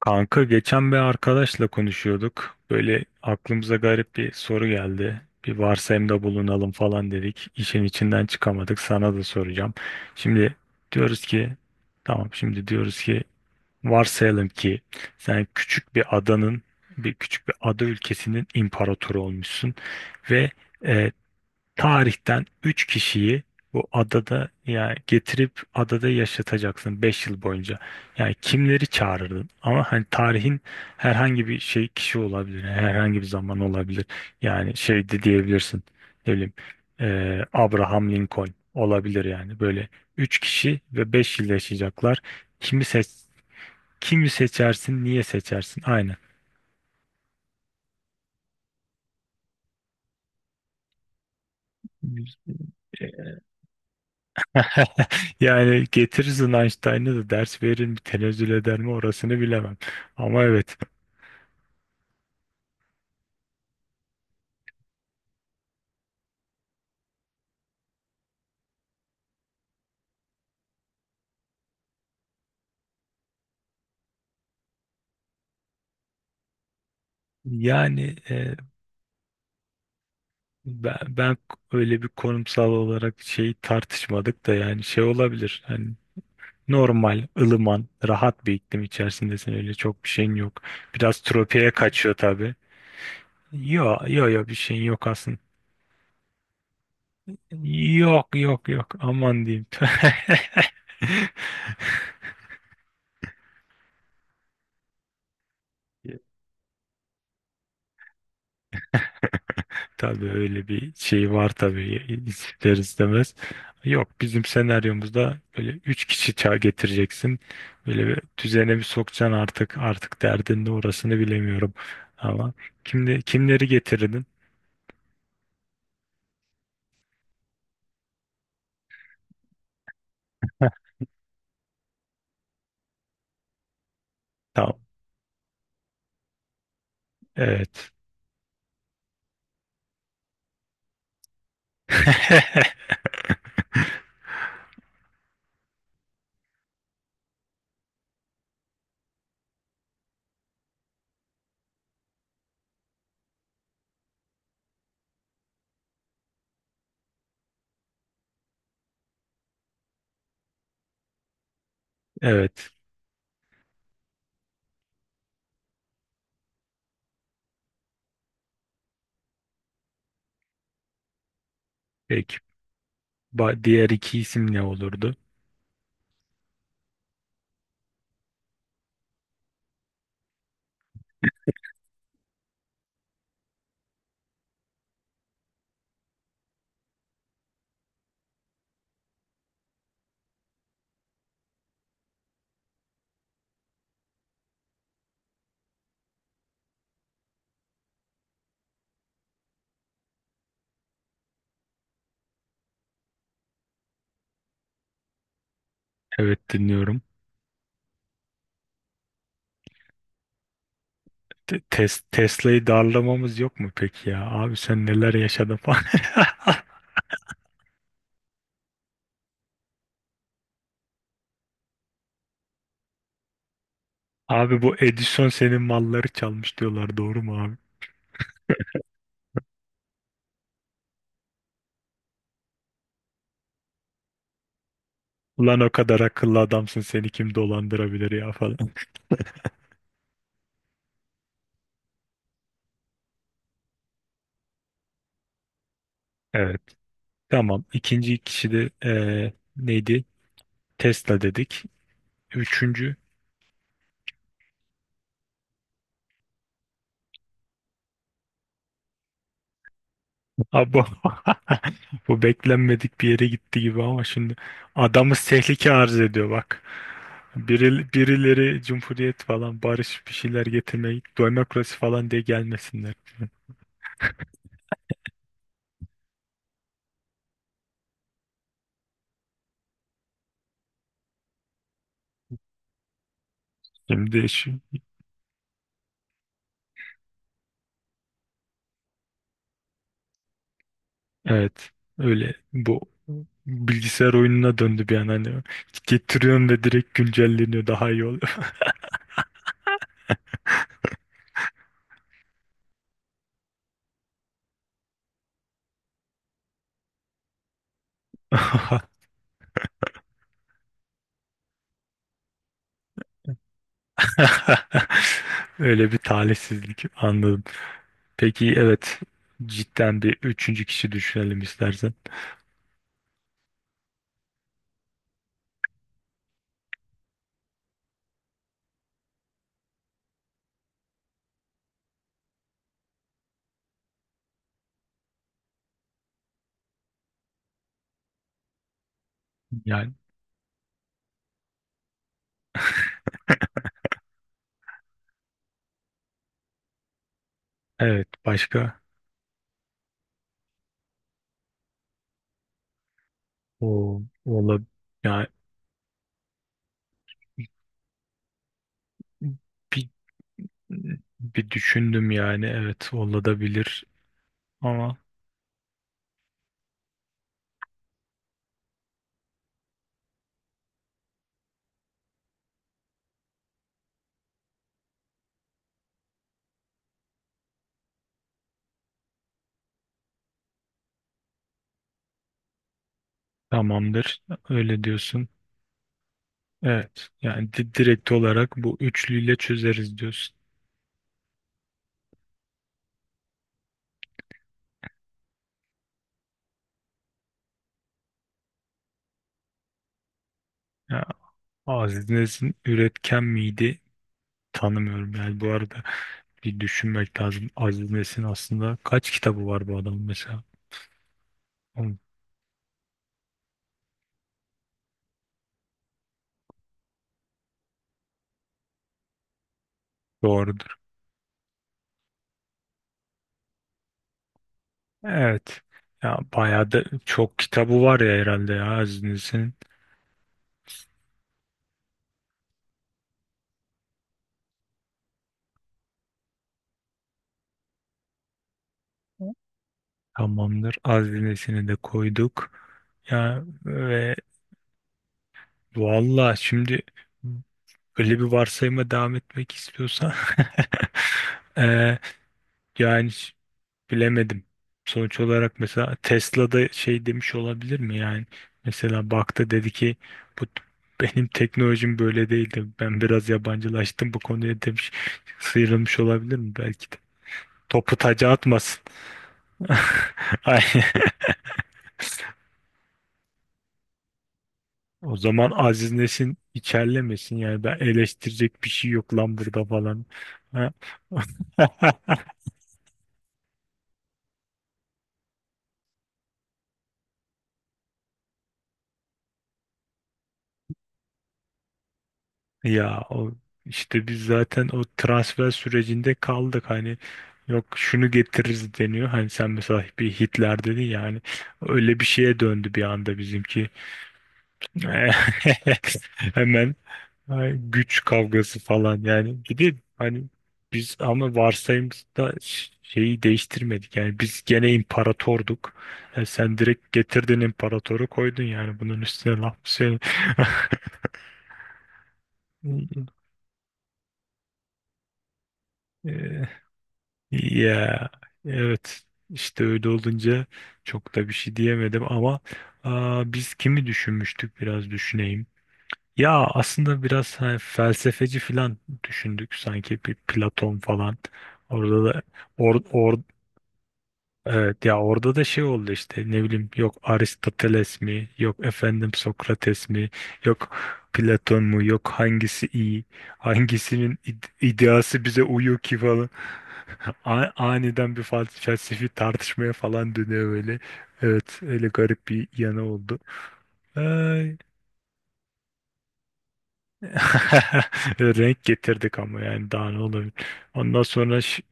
Kanka geçen bir arkadaşla konuşuyorduk. Böyle aklımıza garip bir soru geldi. Bir varsayımda bulunalım falan dedik. İşin içinden çıkamadık. Sana da soracağım. Şimdi diyoruz ki Tamam, şimdi diyoruz ki, varsayalım ki sen küçük bir adanın bir küçük bir ada ülkesinin imparatoru olmuşsun ve e, tarihten 3 kişiyi bu adada yani getirip adada yaşatacaksın 5 yıl boyunca. Yani kimleri çağırırdın? Ama hani tarihin herhangi bir kişi olabilir. Herhangi bir zaman olabilir. Yani şey de diyebilirsin. Ne bileyim, Abraham Lincoln olabilir yani. Böyle 3 kişi ve 5 yıl yaşayacaklar. Kimi seç Kimi seçersin, niye seçersin? Aynen. Yani getirirsin, Einstein'ı da ders verir mi, tenezzül eder mi, orasını bilemem. Ama evet. Yani ben öyle bir konumsal olarak tartışmadık da, yani şey olabilir. Hani normal, ılıman, rahat bir iklim içerisindesin. Öyle çok bir şeyin yok. Biraz tropiye kaçıyor tabii. Yo yo yo, bir şeyin yok aslında. Yok yok yok, aman diyeyim. Tabii öyle bir şey var tabii, ister istemez. Yok, bizim senaryomuzda böyle üç kişi getireceksin. Böyle bir düzene bir sokacaksın, artık derdin de orasını bilemiyorum. Ama kimleri getirirdin? Tamam. Evet. Evet. Peki. Diğer iki isim ne olurdu? Evet, dinliyorum. Tesla'yı darlamamız yok mu peki ya? Abi sen neler yaşadın falan. Abi, bu Edison senin malları çalmış diyorlar, doğru mu abi? Ulan, o kadar akıllı adamsın, seni kim dolandırabilir ya falan. Evet. Tamam. İkinci kişi de neydi? Tesla dedik. Üçüncü. Abi bu bu beklenmedik bir yere gitti gibi ama şimdi adamız tehlike arz ediyor, bak. Birileri cumhuriyet falan, barış bir şeyler getirmeyi, demokrasi falan diye gelmesinler. Şimdi şu, evet, öyle, bu bilgisayar oyununa döndü bir an hani, getiriyorum ve direkt güncelleniyor, daha iyi oluyor. Öyle bir talihsizlik, anladım. Peki, evet, cidden bir üçüncü kişi düşünelim istersen. Yani evet, başka. O ola Yani bir, bir düşündüm, yani evet olabilir ama. Tamamdır, öyle diyorsun. Evet, yani direkt olarak bu üçlüyle çözeriz diyorsun. Ya, Aziz Nesin üretken miydi? Tanımıyorum yani, bu arada. Bir düşünmek lazım. Aziz Nesin aslında kaç kitabı var bu adamın mesela? Hı. Doğrudur. Evet. Ya bayağı da çok kitabı var ya, herhalde ya, Aziz Nesin'in. Tamamdır. Aziz Nesin'i de koyduk. Ya ve valla şimdi, böyle bir varsayıma devam etmek istiyorsan eee, yani, bilemedim. Sonuç olarak mesela Tesla'da şey demiş olabilir mi yani? Mesela baktı, dedi ki, bu t- benim teknolojim böyle değildi. Ben biraz yabancılaştım bu konuya demiş. Sıyrılmış olabilir mi belki de. Topu taca atmasın. Ay. O zaman Aziz Nesin içerlemesin yani, ben eleştirecek bir şey yok lan burada falan. Ha? Ya o işte, biz zaten o transfer sürecinde kaldık hani, yok şunu getiririz deniyor. Hani sen mesela bir Hitler dedin ya hani, öyle bir şeye döndü bir anda bizimki. Hemen, ay, güç kavgası falan yani. Bir de hani biz, ama varsayımda şeyi değiştirmedik. Yani biz gene imparatorduk. Sen direkt getirdin, imparatoru koydun yani, bunun üstüne laf mı söyle- Ya evet işte, öyle olunca çok da bir şey diyemedim, ama biz kimi düşünmüştük, biraz düşüneyim. Ya aslında biraz hani felsefeci falan düşündük sanki, bir Platon falan. Orada da or, or- evet, ya orada da şey oldu işte, ne bileyim, yok Aristoteles mi, yok efendim Sokrates mi, yok Platon mu, yok hangisi iyi, hangisinin ideası bize uyuyor ki falan. Aniden bir felsefi tartışmaya falan dönüyor böyle. Evet, öyle garip bir yanı oldu. Ay. Renk getirdik ama, yani daha ne olabilir. Ondan sonra şey.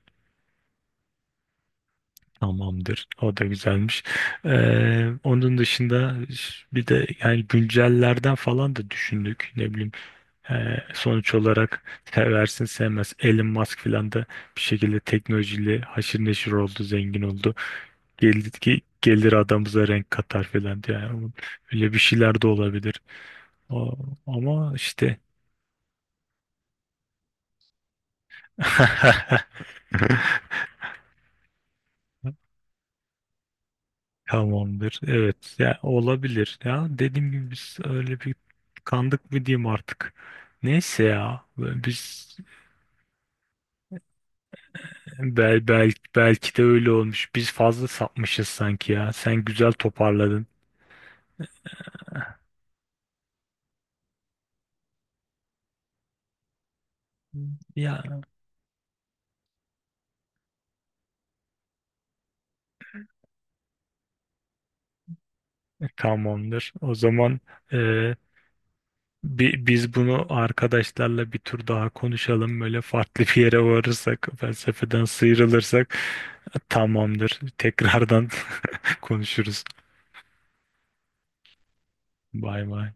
Tamamdır. O da güzelmiş. Onun dışında bir de yani güncellerden falan da düşündük. Ne bileyim, sonuç olarak seversin sevmez. Elon Musk falan da bir şekilde teknolojiyle haşır neşir oldu, zengin oldu. Gelir, ki gelir adamıza renk katar falan diye. Yani öyle bir şeyler de olabilir. O- Ama işte Tamamdır. Evet. Ya olabilir. Ya dediğim gibi biz öyle bir, kandık mı diyeyim artık. Neyse ya. Biz belki de öyle olmuş. Biz fazla sapmışız sanki ya. Sen güzel toparladın. Ya tamamdır. O zaman e, biz bunu arkadaşlarla bir tur daha konuşalım. Böyle farklı bir yere varırsak, felsefeden sıyrılırsak, tamamdır. Tekrardan konuşuruz. Bay bay.